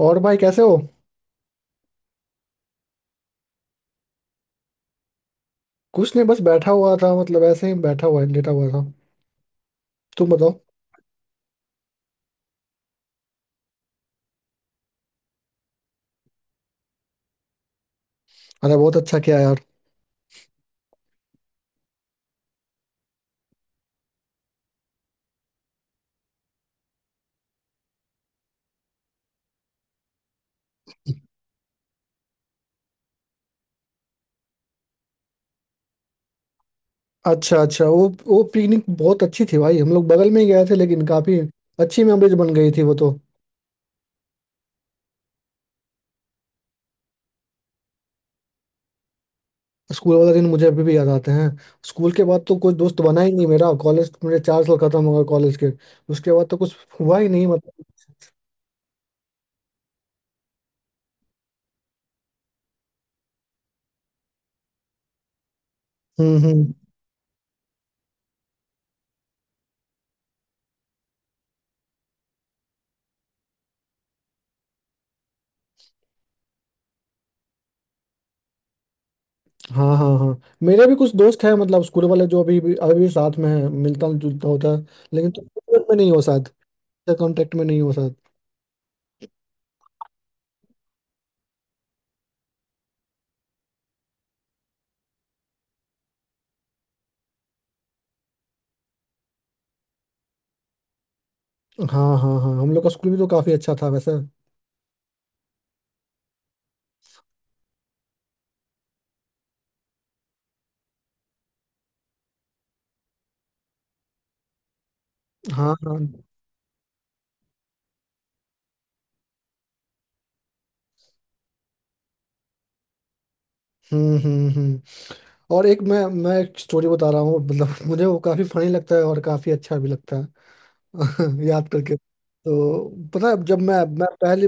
और भाई कैसे हो। कुछ नहीं बस बैठा हुआ था मतलब ऐसे ही बैठा हुआ लेटा हुआ था। तुम बताओ। अरे बहुत अच्छा किया यार। अच्छा अच्छा वो पिकनिक बहुत अच्छी थी भाई, हम लोग बगल में ही गए थे लेकिन काफी अच्छी मेमोरीज बन गई थी वो तो। स्कूल वाला दिन मुझे अभी भी याद आते हैं। स्कूल के बाद तो कोई दोस्त बना ही नहीं मेरा, कॉलेज मेरे चार साल खत्म हो गए कॉलेज के। उसके बाद तो कुछ हुआ ही नहीं मतलब। हम्म। हाँ हाँ हाँ, मेरे भी कुछ दोस्त हैं मतलब स्कूल वाले, जो अभी भी साथ में हैं, मिलता जुलता होता है। लेकिन तुम लोग में नहीं हो साथ, कांटेक्ट में नहीं हो सकता। हाँ हाँ हाँ, हम लोग का स्कूल भी तो काफी अच्छा था वैसे। हाँ हाँ। हम्म। और एक मैं एक स्टोरी बता रहा हूँ मतलब मुझे वो काफी फनी लगता है और काफी अच्छा भी लगता है याद करके तो। पता है जब मैं पहले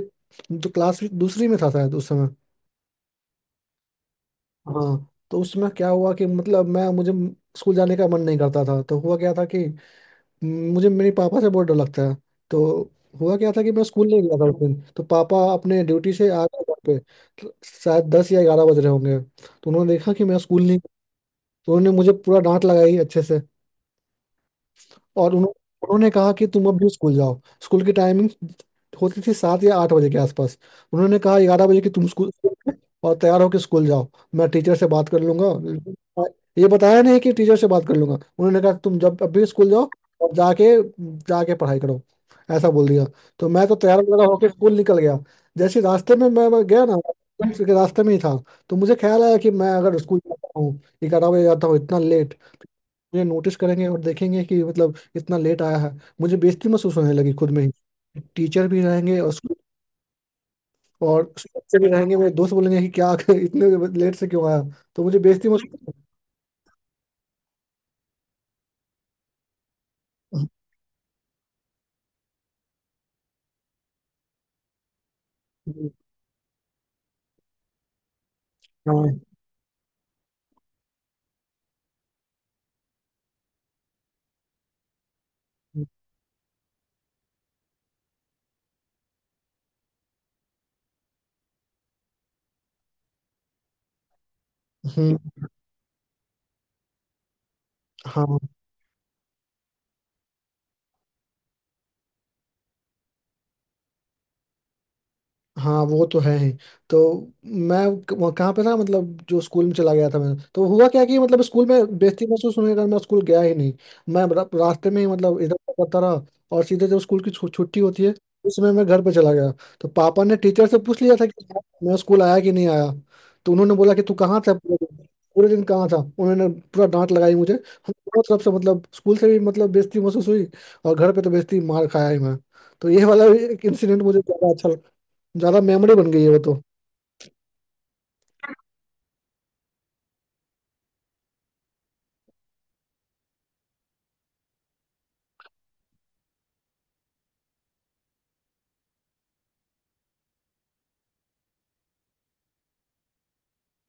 तो क्लास दूसरी में था शायद उस समय। हाँ, तो उसमें क्या हुआ कि मतलब मैं मुझे स्कूल जाने का मन नहीं करता था, तो हुआ क्या था कि मुझे मेरे पापा से बहुत डर लगता है। तो हुआ क्या था कि मैं स्कूल नहीं गया था उस दिन, तो पापा अपने ड्यूटी से आ गए घर पे। तो शायद दस या ग्यारह बज रहे होंगे, तो उन्होंने देखा कि मैं स्कूल नहीं। तो उन्होंने मुझे पूरा डांट लगाई अच्छे से और उन्होंने कहा कि तुम अब भी स्कूल जाओ। स्कूल की टाइमिंग होती थी सात या आठ बजे के आसपास, उन्होंने कहा ग्यारह बजे कि तुम स्कूल और तैयार होकर स्कूल जाओ, मैं टीचर से बात कर लूंगा। ये बताया नहीं कि टीचर से बात कर लूंगा, उन्होंने कहा तुम जब अब भी स्कूल जाओ और जाके जाके पढ़ाई करो, ऐसा बोल दिया। तो मैं तो तैयार वगैरह होकर स्कूल निकल गया। जैसे रास्ते में मैं गया ना, स्कूल के रास्ते में ही था, तो मुझे ख्याल आया कि मैं अगर स्कूल जाता हूँ, ग्यारह बजे जाता हूँ इतना लेट, मुझे नोटिस करेंगे और देखेंगे कि मतलब इतना लेट आया है। मुझे बेइज्जती महसूस होने लगी खुद में ही, टीचर भी रहेंगे और स्कूल, और स्कूल से भी रहेंगे मेरे दोस्त, बोलेंगे कि क्या इतने लेट से क्यों आया। तो मुझे बेइज्जती महसूस। हाँ। हम्म। हाँ हाँ वो तो है ही। तो मैं कहाँ पे था मतलब, जो स्कूल में चला गया था मैं, तो हुआ क्या कि मतलब स्कूल में बेइज्जती महसूस होने के कारण मैं स्कूल गया ही नहीं। मैं रास्ते में ही मतलब इधर उधर करता रहा और सीधे जब स्कूल की छुट्टी होती है उस समय मैं घर पे चला गया। तो पापा ने टीचर से पूछ लिया था कि मैं स्कूल आया कि नहीं आया। तो उन्होंने बोला कि तू कहाँ था पूरे दिन, पूरे दिन कहाँ था। उन्होंने पूरा डांट लगाई मुझे, हम दोनों तरफ से मतलब स्कूल से भी मतलब बेइज्जती महसूस हुई और घर पे तो बेइज्जती मार खाया ही मैं। तो ये वाला इंसिडेंट मुझे ज्यादा अच्छा, ज्यादा मेमोरी बन गई है वो तो।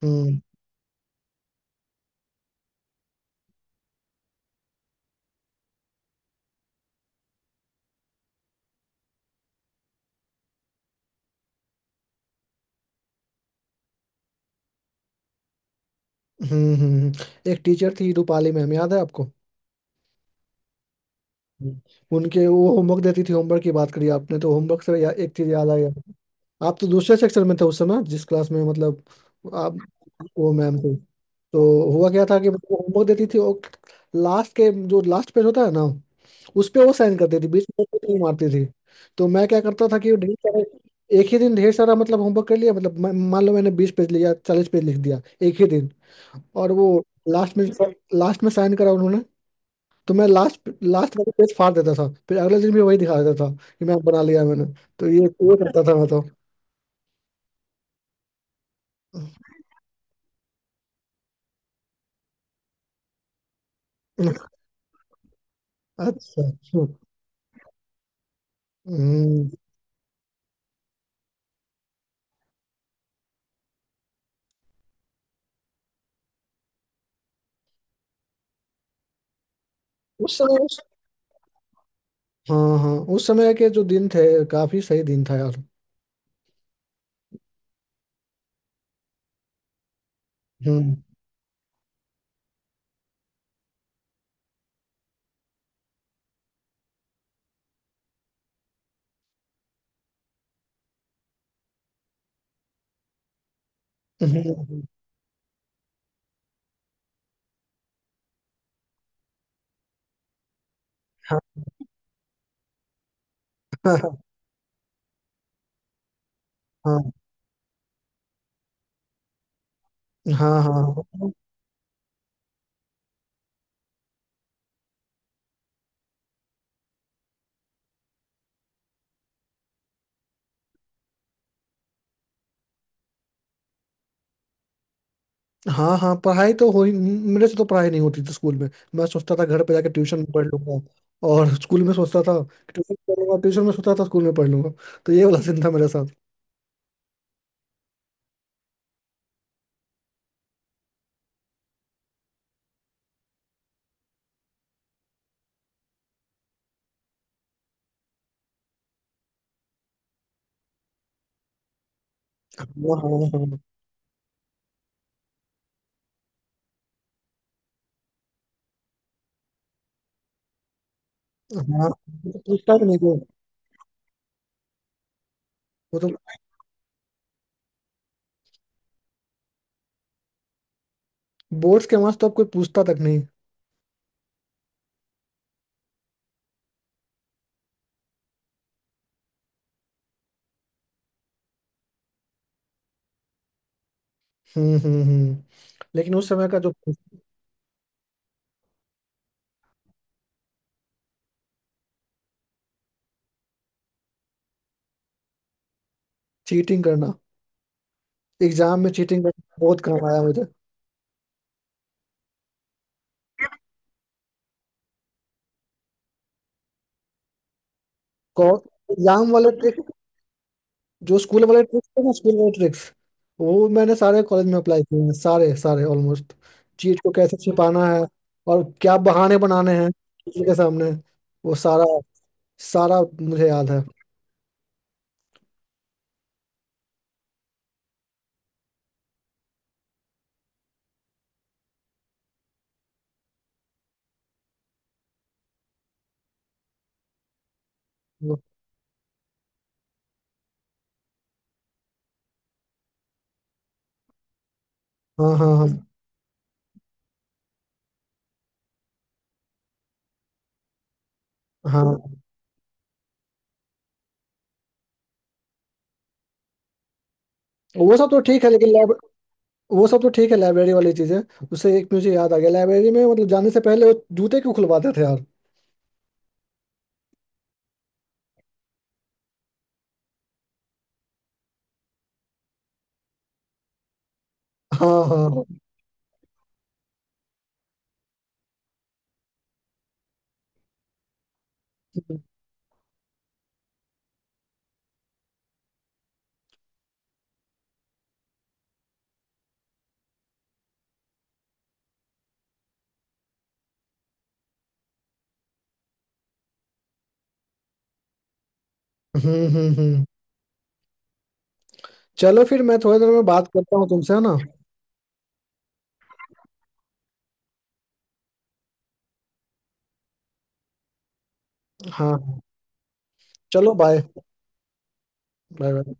हम्म हम्म। हम्म। एक टीचर थी रूपाली मैम, याद है आपको। हम्म। उनके वो होमवर्क देती थी, होमवर्क की बात करी आपने तो होमवर्क से एक चीज याद आई आपको। आप तो दूसरे सेक्शन में थे उस समय जिस क्लास में मतलब आप, वो मैम थी। तो हुआ क्या था कि वो होमवर्क देती थी और लास्ट के जो लास्ट पेज होता है ना, उस पे वो साइन करती थी, बीच में वो नहीं मारती थी। तो मैं क्या करता था कि वो ढेर सारे, एक ही दिन ढेर सारा मतलब होमवर्क कर लिया मतलब मान लो मैंने बीस पेज लिया, चालीस पेज लिख दिया एक ही दिन। और वो लास्ट में, लास्ट में साइन करा उन्होंने। तो मैं लास्ट लास्ट वाला पेज फाड़ देता था, फिर अगले दिन भी वही दिखा देता था कि मैं बना लिया मैंने। तो ये करता था मैं तो। अच्छा। हम्म। हम्म। उस समय उस। हाँ हाँ, उस समय के जो दिन थे काफी सही दिन था यार। हम्म हम्म। हाँ हाँ हाँ हाँ। हाँ हाँ हाँ हाँ, पढ़ाई तो हो ही, मेरे से तो पढ़ाई नहीं होती थी स्कूल में। मैं सोचता था घर पे जाके ट्यूशन में पढ़ लूंगा, और स्कूल में सोचता था कि ट्यूशन में पढ़ लूंगा, ट्यूशन में सोचता था स्कूल में पढ़ लूंगा। तो ये वाला सीन था मेरे साथ। हाँ हाँ हाँ हाँ, वो तो पूछता भी नहीं कोई। वो तो, बोर्ड्स के मार्क्स तो अब कोई पूछता तक नहीं। हम्म। लेकिन उस समय का जो चीटिंग करना, एग्जाम में चीटिंग करना बहुत काम आया मुझे। एग्जाम वाले, जो स्कूल वाले ट्रिक्स थे ना, स्कूल वाले ट्रिक्स वो मैंने सारे कॉलेज में अप्लाई किए हैं, सारे सारे ऑलमोस्ट। चीट को कैसे छिपाना है और क्या बहाने बनाने हैं टीचर के सामने, वो सारा सारा मुझे याद है। वो- हाँ हाँ हाँ हाँ। वो सब तो ठीक है लेकिन लाइब वो सब तो ठीक है लाइब्रेरी वाली चीजें। उससे एक मुझे याद आ गया, लाइब्रेरी में मतलब जाने से पहले वो जूते क्यों खुलवाते थे यार। हाँ हाँ हाँ। हम्म। चलो फिर मैं थोड़ी देर में बात करता हूँ तुमसे, है ना। हाँ चलो बाय। Bye bye.